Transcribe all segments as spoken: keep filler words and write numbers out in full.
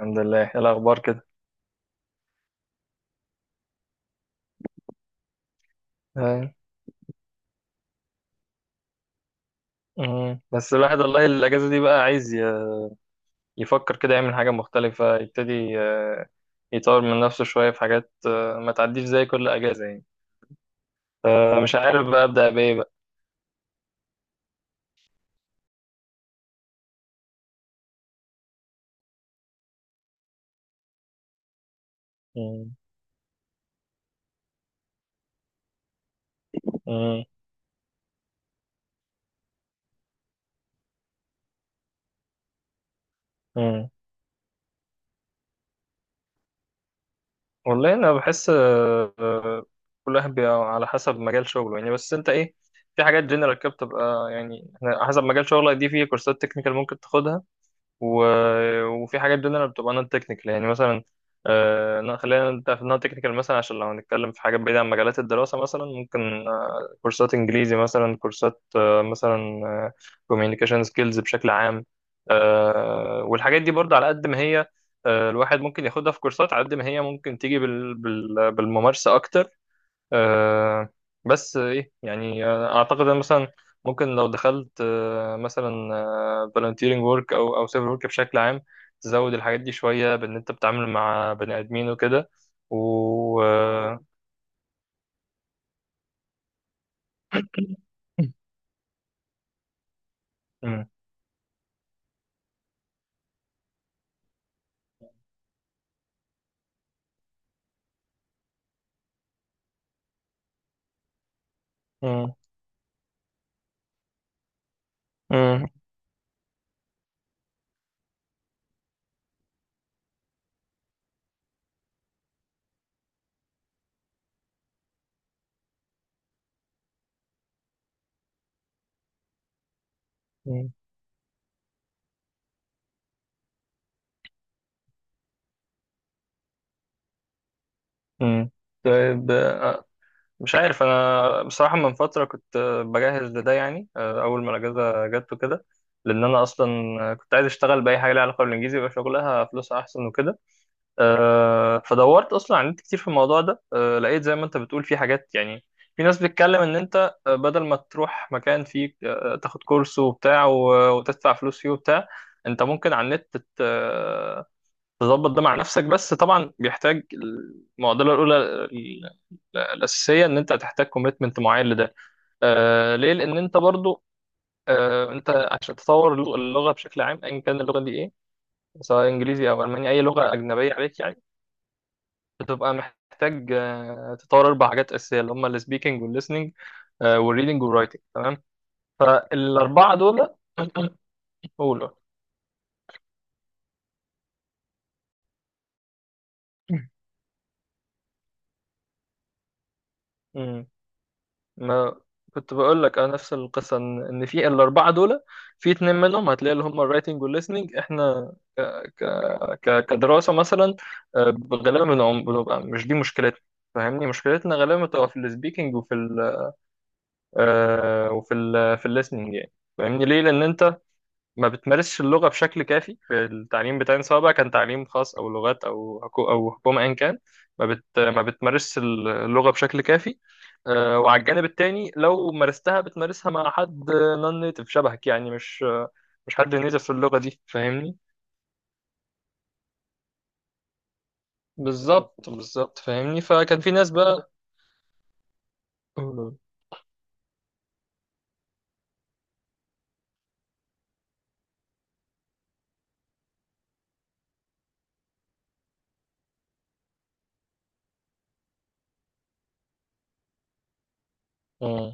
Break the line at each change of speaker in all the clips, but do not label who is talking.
الحمد لله، ايه الاخبار كده؟ آه. مم. بس الواحد والله الاجازه دي بقى عايز ي- يفكر كده، يعمل حاجه مختلفه، يبتدي آه، يطور من نفسه شويه في حاجات، آه، ما تعديش زي كل اجازه يعني. فمش عارف بقى ابدا بايه بقى. مم. مم. مم. والله انا بحس، آه، آه، كل واحد بيبقى على حسب مجال شغله يعني، بس انت ايه؟ في حاجات جنرال كده بتبقى يعني على حسب مجال شغلك، دي في كورسات تكنيكال ممكن تاخدها و... وفي حاجات دول انا بتبقى نون تكنيكال يعني مثلا. آه... لا، خلينا نبدا في النون تكنيكال مثلا، عشان لو هنتكلم في حاجات بعيده عن مجالات الدراسه، مثلا ممكن آه... كورسات انجليزي، مثلا كورسات آه... مثلا كوميونيكيشن سكيلز بشكل عام. آه... والحاجات دي برضه على قد ما هي، آه... الواحد ممكن ياخدها في كورسات، على قد ما هي ممكن تيجي بال... بال... بالممارسه اكتر. آه بس ايه يعني، آه، اعتقد ان مثلا ممكن لو دخلت آه مثلا آه فالنتيرنج ورك او او سيفل ورك بشكل عام، تزود الحاجات دي شويه بان انت بتتعامل مع بني ادمين وكده. و آه، مم. مم. مم. مم. مم. طيب، مش عارف، انا بصراحه من فتره كنت بجهز لده يعني، آه، اول ما الاجازه جت وكده، لان انا اصلا كنت عايز اشتغل باي حاجه ليها علاقه بالانجليزي، يبقى شغلها فلوسها احسن وكده. آه، فدورت اصلا على النت كتير في الموضوع ده. آه، لقيت زي ما انت بتقول في حاجات يعني، في ناس بتتكلم ان انت آه، بدل ما تروح مكان فيه آه، تاخد كورس وبتاع و- وتدفع فلوس فيه وبتاع، انت ممكن على النت تت- آه، تظبط ده مع نفسك، بس طبعا بيحتاج. المعضله الاولى ال- الاساسيه ان انت هتحتاج كوميتمنت معين لده. آه، ليه؟ لان انت برضو، آه، انت عشان تطور اللغه بشكل عام ايا كان اللغه دي ايه، سواء انجليزي او الماني اي لغه اجنبيه عليك يعني، بتبقى محتاج آه، تطور اربع حاجات اساسيه اللي هم السبيكنج والليسننج والريدنج والرايتنج، تمام؟ فالاربعه دول قولوا. امم ما كنت بقول لك، انا نفس القصه ان إن في الاربعه دول، في اتنين منهم هتلاقي اللي هم الرايتنج والليسننج، احنا ك... ك... ك... كدراسه مثلا، آه، غالبا بنعم- بنبقى مش دي مشكلتنا، فاهمني؟ مشكلتنا غالبا بتبقى في السبيكنج وفي ال... آه، وفي ال... في الليسننج يعني. فاهمني؟ ليه؟ لان انت ما بتمارسش اللغة بشكل كافي في التعليم بتاعنا، سواء بقى كان تعليم خاص أو لغات أو حكو أو حكومة، أيا كان. ما بت ما بتمارسش اللغة بشكل كافي. آه، وعلى الجانب التاني، لو مارستها بتمارسها مع حد نون نيتف شبهك، يعني مش مش حد نيتف في اللغة دي، فاهمني؟ بالظبط، بالظبط، فاهمني؟ فكان في ناس بقى. مم. مم.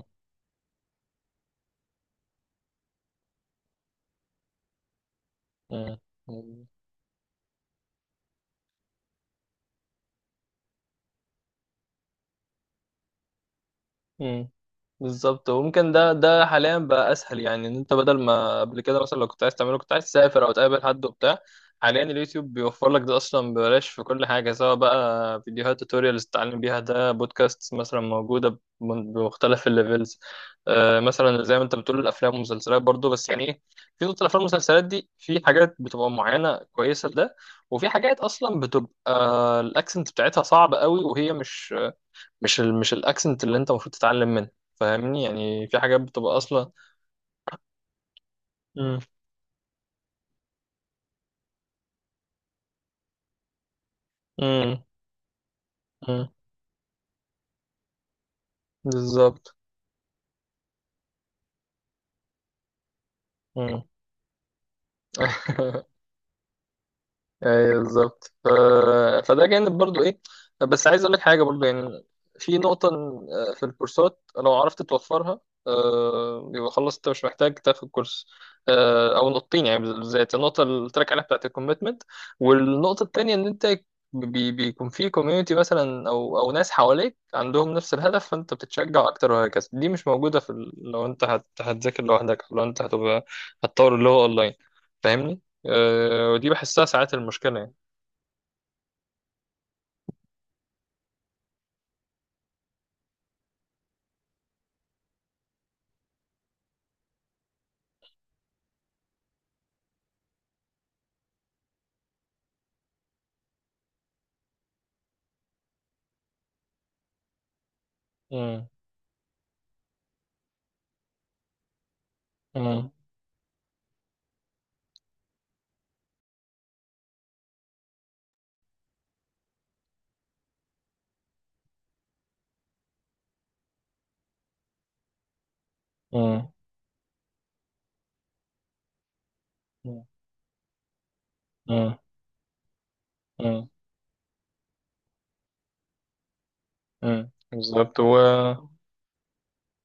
مم. بالظبط، وممكن ده ده حاليا بقى اسهل، يعني ان انت بدل ما قبل كده مثلا، لو كنت عايز تعمله كنت عايز تسافر او تقابل حد وبتاع، حاليا اليوتيوب بيوفر لك ده اصلا ببلاش في كل حاجه، سواء بقى فيديوهات توتوريالز تتعلم بيها، ده بودكاست مثلا موجوده بم- بمختلف الليفلز. آه مثلا زي ما انت بتقول الافلام والمسلسلات برضو، بس يعني ايه؟ في نقطه، الافلام والمسلسلات دي في حاجات بتبقى معينه كويسه لده، وفي حاجات اصلا بتبقى الاكسنت بتاعتها صعب قوي وهي مش مش ال... مش الاكسنت اللي انت المفروض تتعلم منه، فاهمني؟ يعني في حاجات بتبقى اصلا. امم. امم. امم. بالظبط. امم. ايوه، بالظبط. ف... فده جانب برضو، ايه؟ بس عايز اقول لك حاجه برضو يعني، في نقطه إن- آه، في الكورسات لو عرفت توفرها، آه، يبقى خلاص انت مش محتاج تاخد كورس. آه، او نقطتين يعني، بالذات النقطه اللي قلت لك عليها بتاعت الكوميتمنت، والنقطه التانيه ان انت بي بيكون في كوميونتي مثلا، او او ناس حواليك عندهم نفس الهدف، فانت بتتشجع اكتر وهكذا. دي مش موجوده في ال... لو انت هت... هتذاكر لوحدك، او لو انت هتبقى هتطور اللي هو اونلاين، فاهمني؟ أه ودي بحسها ساعات المشكلة يعني. مم. مم. مم. مم. مم. مم. بالظبط هو،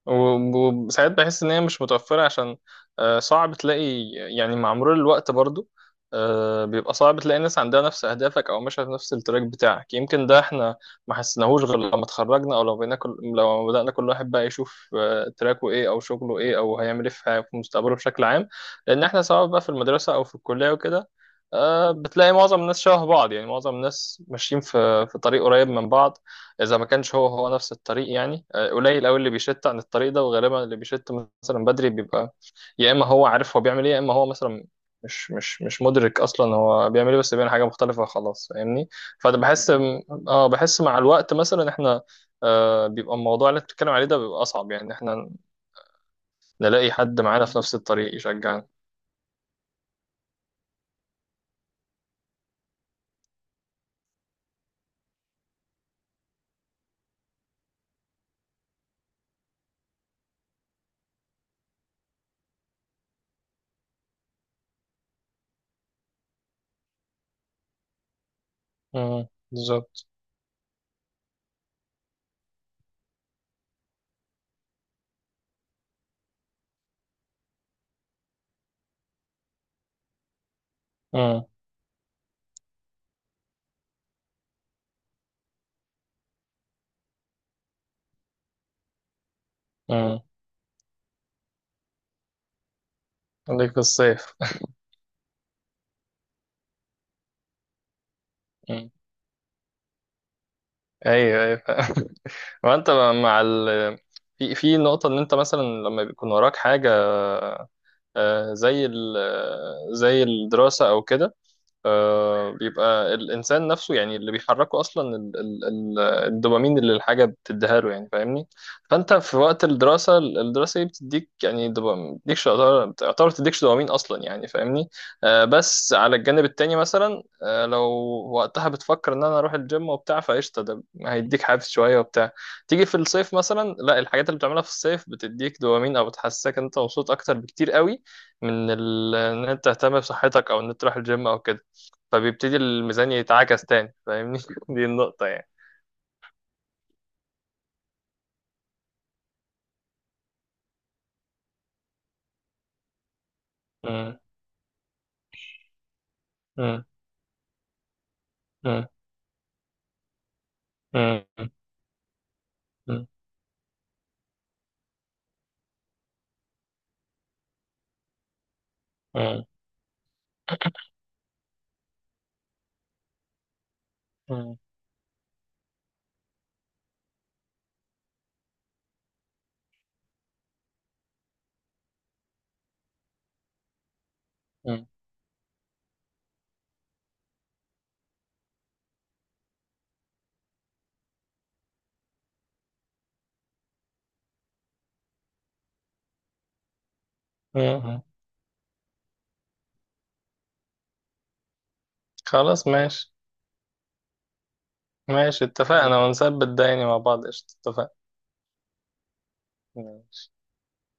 و- وساعات بحس ان هي مش متوفره، عشان آه، صعب تلاقي يعني مع مرور الوقت برضو، آه، بيبقى صعب تلاقي ناس عندها نفس اهدافك او ماشيه في نفس التراك بتاعك. يمكن ده احنا ما حسناهوش غير لما اتخرجنا، او لو بقينا كل لو بدانا كل واحد بقى يشوف آه، تراكه ايه، او شغله ايه، او هيعمل ايه في حياته- في مستقبله بشكل عام. لان احنا سواء بقى في المدرسه او في الكليه وكده، آه، بتلاقي معظم الناس شبه بعض، يعني معظم الناس ماشيين في في طريق قريب من بعض، اذا ما كانش هو هو نفس الطريق يعني. قليل قوي اللي بيشت عن الطريق ده، وغالبا اللي بيشت مثلا بدري بيبقى، يا اما هو عارف هو بيعمل ايه، يا اما هو مثلا مش مش مش مدرك اصلا هو بيعمل ايه، بس بيعمل حاجه مختلفه خلاص، فاهمني؟ فده بحس اه بحس مع الوقت مثلا احنا، آه بيبقى الموضوع اللي انت بتتكلم عليه ده بيبقى اصعب، يعني احنا نلاقي حد معانا في نفس الطريق يشجعنا. امم، بالظبط. امم. امم. عليك الصيف. مم. ايوه، ايوه. وانت مع ال في في نقطة إن أنت مثلا لما بيكون وراك حاجة، آه، زي ال- آه، زي الدراسة أو كده، آه، بيبقى الإنسان نفسه يعني اللي بيحركه أصلا ال- ال- ال- الدوبامين اللي الحاجة بتديها له، يعني فاهمني؟ فأنت في وقت الدراسة، الدراسة دي بتديك يعني دوبامين، بتديكش، يعتبر تعتبر بتديكش دوبامين أصلا يعني، فاهمني؟ آه، بس على الجانب التاني مثلا، آه، لو وقتها بتفكر إن أنا أروح الجيم وبتاع، فقشطة ده هيديك حافز شوية وبتاع. تيجي في الصيف مثلا، لا، الحاجات اللي بتعملها في الصيف بتديك دوبامين أو بتحسسك إن أنت مبسوط أكتر بكتير قوي من ال- إن أنت تهتم بصحتك أو إن أنت تروح الجيم أو كده، فبيبتدي الميزان يتعكس تاني، فاهمني؟ دي النقطة يعني. مم. مم. مم. مم. مم. مم. مم. مم. مم. خلاص، ماشي. ماشي، اتفقنا ونثبت ده يعني مع بعض. قشطة، اتفقنا. ماشي.